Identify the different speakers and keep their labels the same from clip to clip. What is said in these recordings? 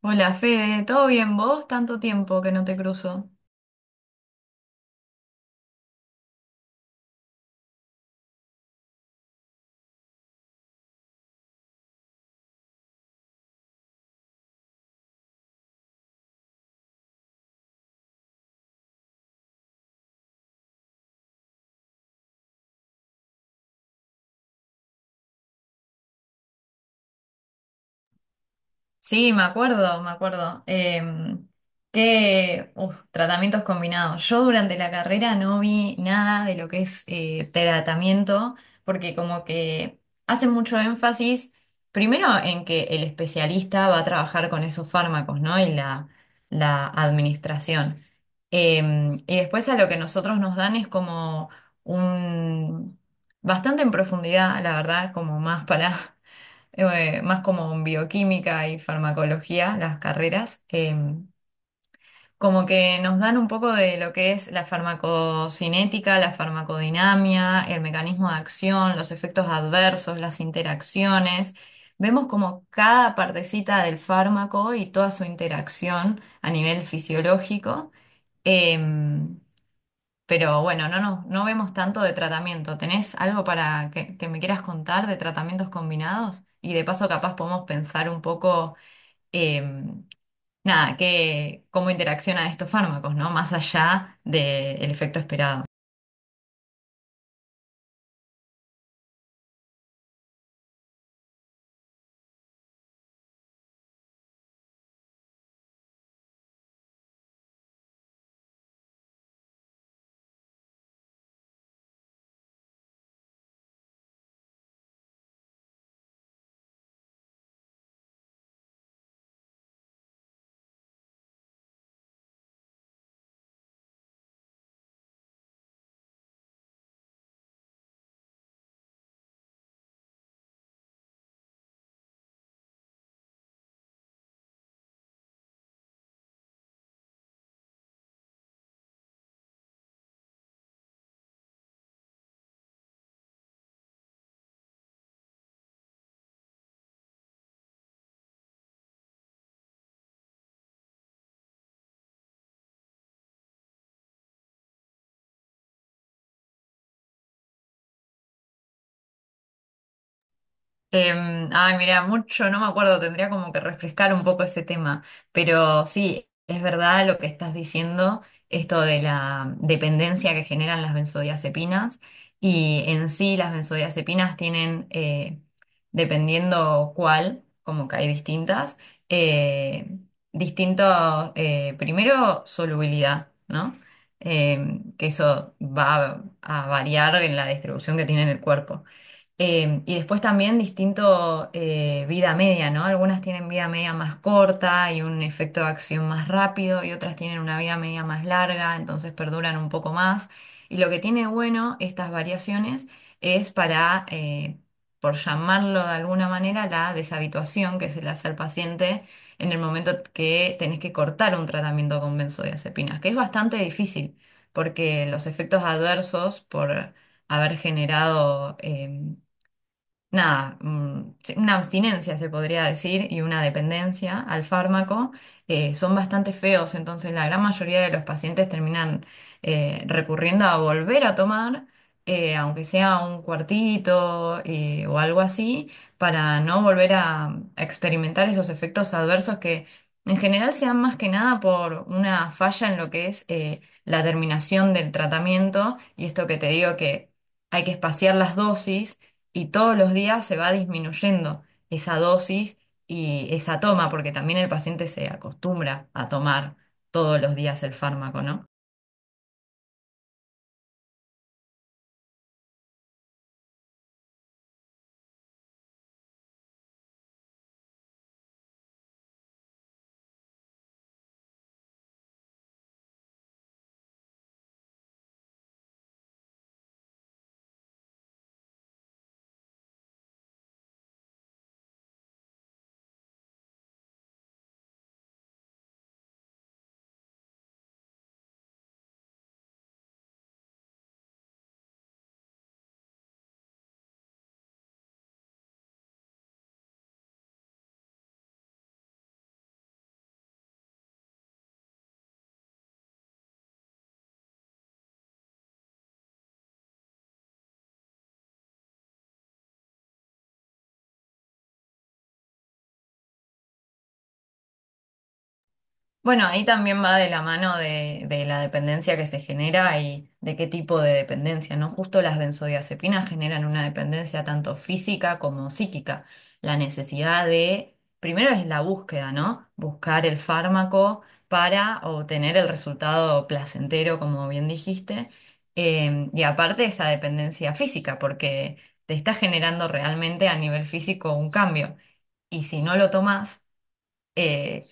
Speaker 1: Hola Fede, ¿todo bien vos? Tanto tiempo que no te cruzo. Sí, me acuerdo, me acuerdo. Qué uf, tratamientos combinados. Yo durante la carrera no vi nada de lo que es tratamiento, porque como que hacen mucho énfasis, primero en que el especialista va a trabajar con esos fármacos, ¿no? Y la administración. Y después a lo que nosotros nos dan es como un, bastante en profundidad, la verdad, como más para más como en bioquímica y farmacología, las carreras, como que nos dan un poco de lo que es la farmacocinética, la farmacodinamia, el mecanismo de acción, los efectos adversos, las interacciones. Vemos como cada partecita del fármaco y toda su interacción a nivel fisiológico. Em, pero bueno, no vemos tanto de tratamiento. ¿Tenés algo para que me quieras contar de tratamientos combinados? Y de paso, capaz podemos pensar un poco, em, nada, que, ¿cómo interaccionan estos fármacos? ¿No? Más allá del efecto esperado. Ay, mira, mucho, no me acuerdo, tendría como que refrescar un poco ese tema, pero sí, es verdad lo que estás diciendo, esto de la dependencia que generan las benzodiazepinas, y en sí las benzodiazepinas tienen, dependiendo cuál, como que hay distintas, eh, distinto, primero, solubilidad, ¿no? Que eso va a variar en la distribución que tiene en el cuerpo. Y después también distinto vida media, ¿no? Algunas tienen vida media más corta y un efecto de acción más rápido, y otras tienen una vida media más larga, entonces perduran un poco más. Y lo que tiene bueno estas variaciones es para, por llamarlo de alguna manera, la deshabituación que se le hace al paciente en el momento que tenés que cortar un tratamiento con benzodiazepinas, que es bastante difícil porque los efectos adversos por haber generado nada, sí, una abstinencia se podría decir, y una dependencia al fármaco, son bastante feos, entonces la gran mayoría de los pacientes terminan recurriendo a volver a tomar, aunque sea un cuartito, o algo así, para no volver a experimentar esos efectos adversos, que en general se dan más que nada por una falla en lo que es la terminación del tratamiento, y esto que te digo, que hay que espaciar las dosis, y todos los días se va disminuyendo esa dosis y esa toma, porque también el paciente se acostumbra a tomar todos los días el fármaco, ¿no? Bueno, ahí también va de la mano de la dependencia que se genera y de qué tipo de dependencia, ¿no? Justo las benzodiazepinas generan una dependencia tanto física como psíquica. La necesidad de, primero es la búsqueda, ¿no? Buscar el fármaco para obtener el resultado placentero, como bien dijiste. Y aparte esa dependencia física, porque te está generando realmente a nivel físico un cambio. Y si no lo tomas, eh,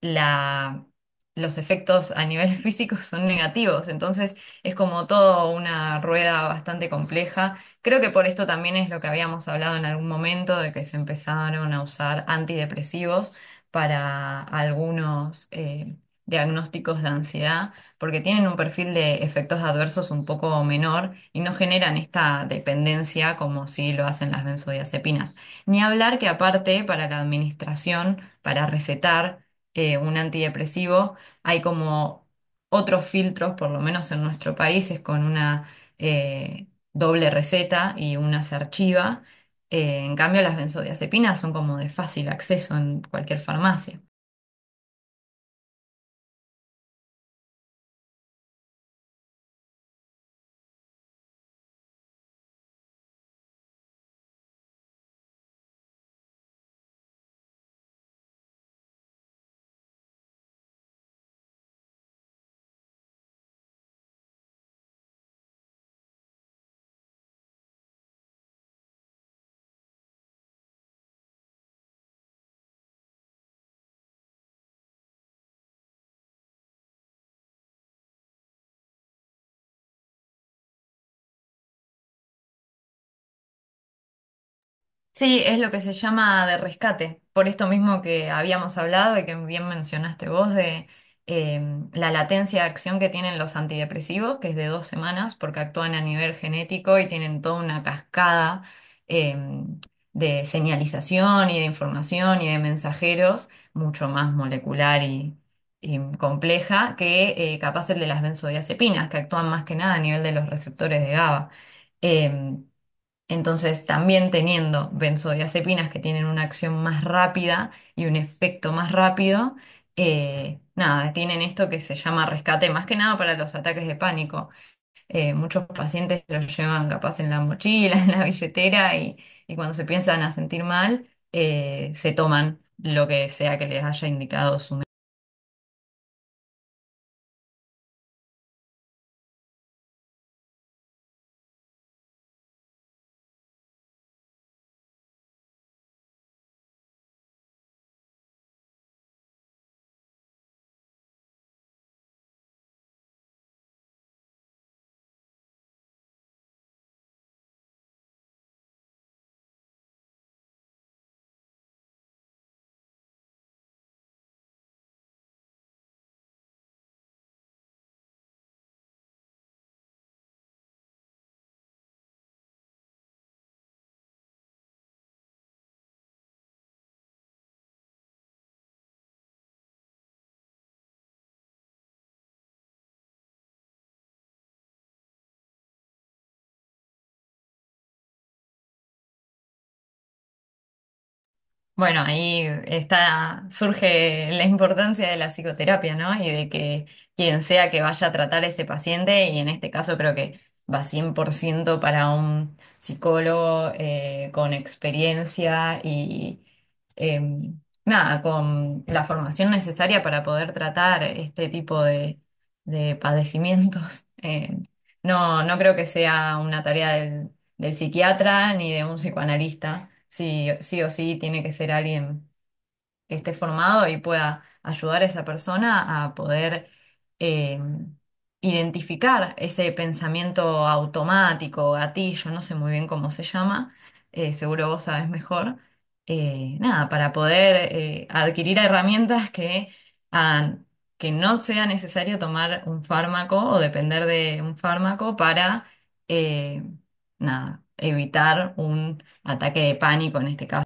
Speaker 1: la, los efectos a nivel físico son negativos. Entonces es como todo una rueda bastante compleja. Creo que por esto también es lo que habíamos hablado en algún momento, de que se empezaron a usar antidepresivos para algunos diagnósticos de ansiedad, porque tienen un perfil de efectos adversos un poco menor y no generan esta dependencia como si lo hacen las benzodiazepinas. Ni hablar que aparte para la administración, para recetar un antidepresivo, hay como otros filtros, por lo menos en nuestro país, es con una eh, doble receta, y una se archiva. En cambio, las benzodiazepinas son como de fácil acceso en cualquier farmacia. Sí, es lo que se llama de rescate, por esto mismo que habíamos hablado y que bien mencionaste vos, de eh, la latencia de acción que tienen los antidepresivos, que es de 2 semanas, porque actúan a nivel genético y tienen toda una cascada eh, de señalización y de información y de mensajeros, mucho más molecular y, compleja que capaz el de las benzodiazepinas, que actúan más que nada a nivel de los receptores de GABA. Em, entonces, también teniendo benzodiazepinas que tienen una acción más rápida y un efecto más rápido, nada, tienen esto que se llama rescate, más que nada para los ataques de pánico. Muchos pacientes los llevan capaz en la mochila, en la billetera, y, cuando se piensan a sentir mal, se toman lo que sea que les haya indicado su. Bueno, ahí está, surge la importancia de la psicoterapia, ¿no? Y de que quien sea que vaya a tratar a ese paciente, y en este caso creo que va 100% para un psicólogo, con experiencia, y eh, nada, con la formación necesaria para poder tratar este tipo de, padecimientos. No creo que sea una tarea del psiquiatra ni de un psicoanalista. Sí, sí o sí tiene que ser alguien que esté formado y pueda ayudar a esa persona a poder eh, identificar ese pensamiento automático, gatillo, no sé muy bien cómo se llama, seguro vos sabés mejor, nada, para poder adquirir herramientas que hagan que no sea necesario tomar un fármaco o depender de un fármaco para, eh, nada, evitar un ataque de pánico en este caso.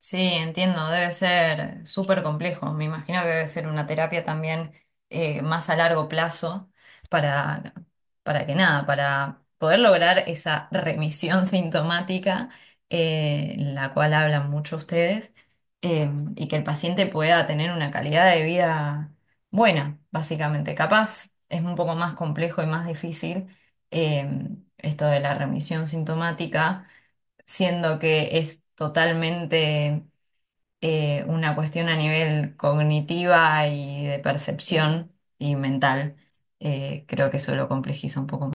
Speaker 1: Sí, entiendo, debe ser súper complejo. Me imagino que debe ser una terapia también más a largo plazo, para, que nada, para poder lograr esa remisión sintomática, la cual hablan mucho ustedes, eh, y que el paciente pueda tener una calidad de vida buena, básicamente. Capaz es un poco más complejo y más difícil eh, esto de la remisión sintomática, siendo que es totalmente una cuestión a nivel cognitiva y de percepción y mental. Creo que eso lo complejiza un poco más.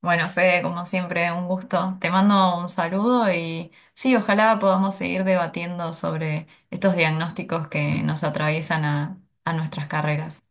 Speaker 1: Bueno, Fede, como siempre, un gusto. Te mando un saludo y sí, ojalá podamos seguir debatiendo sobre estos diagnósticos que nos atraviesan a nuestras carreras.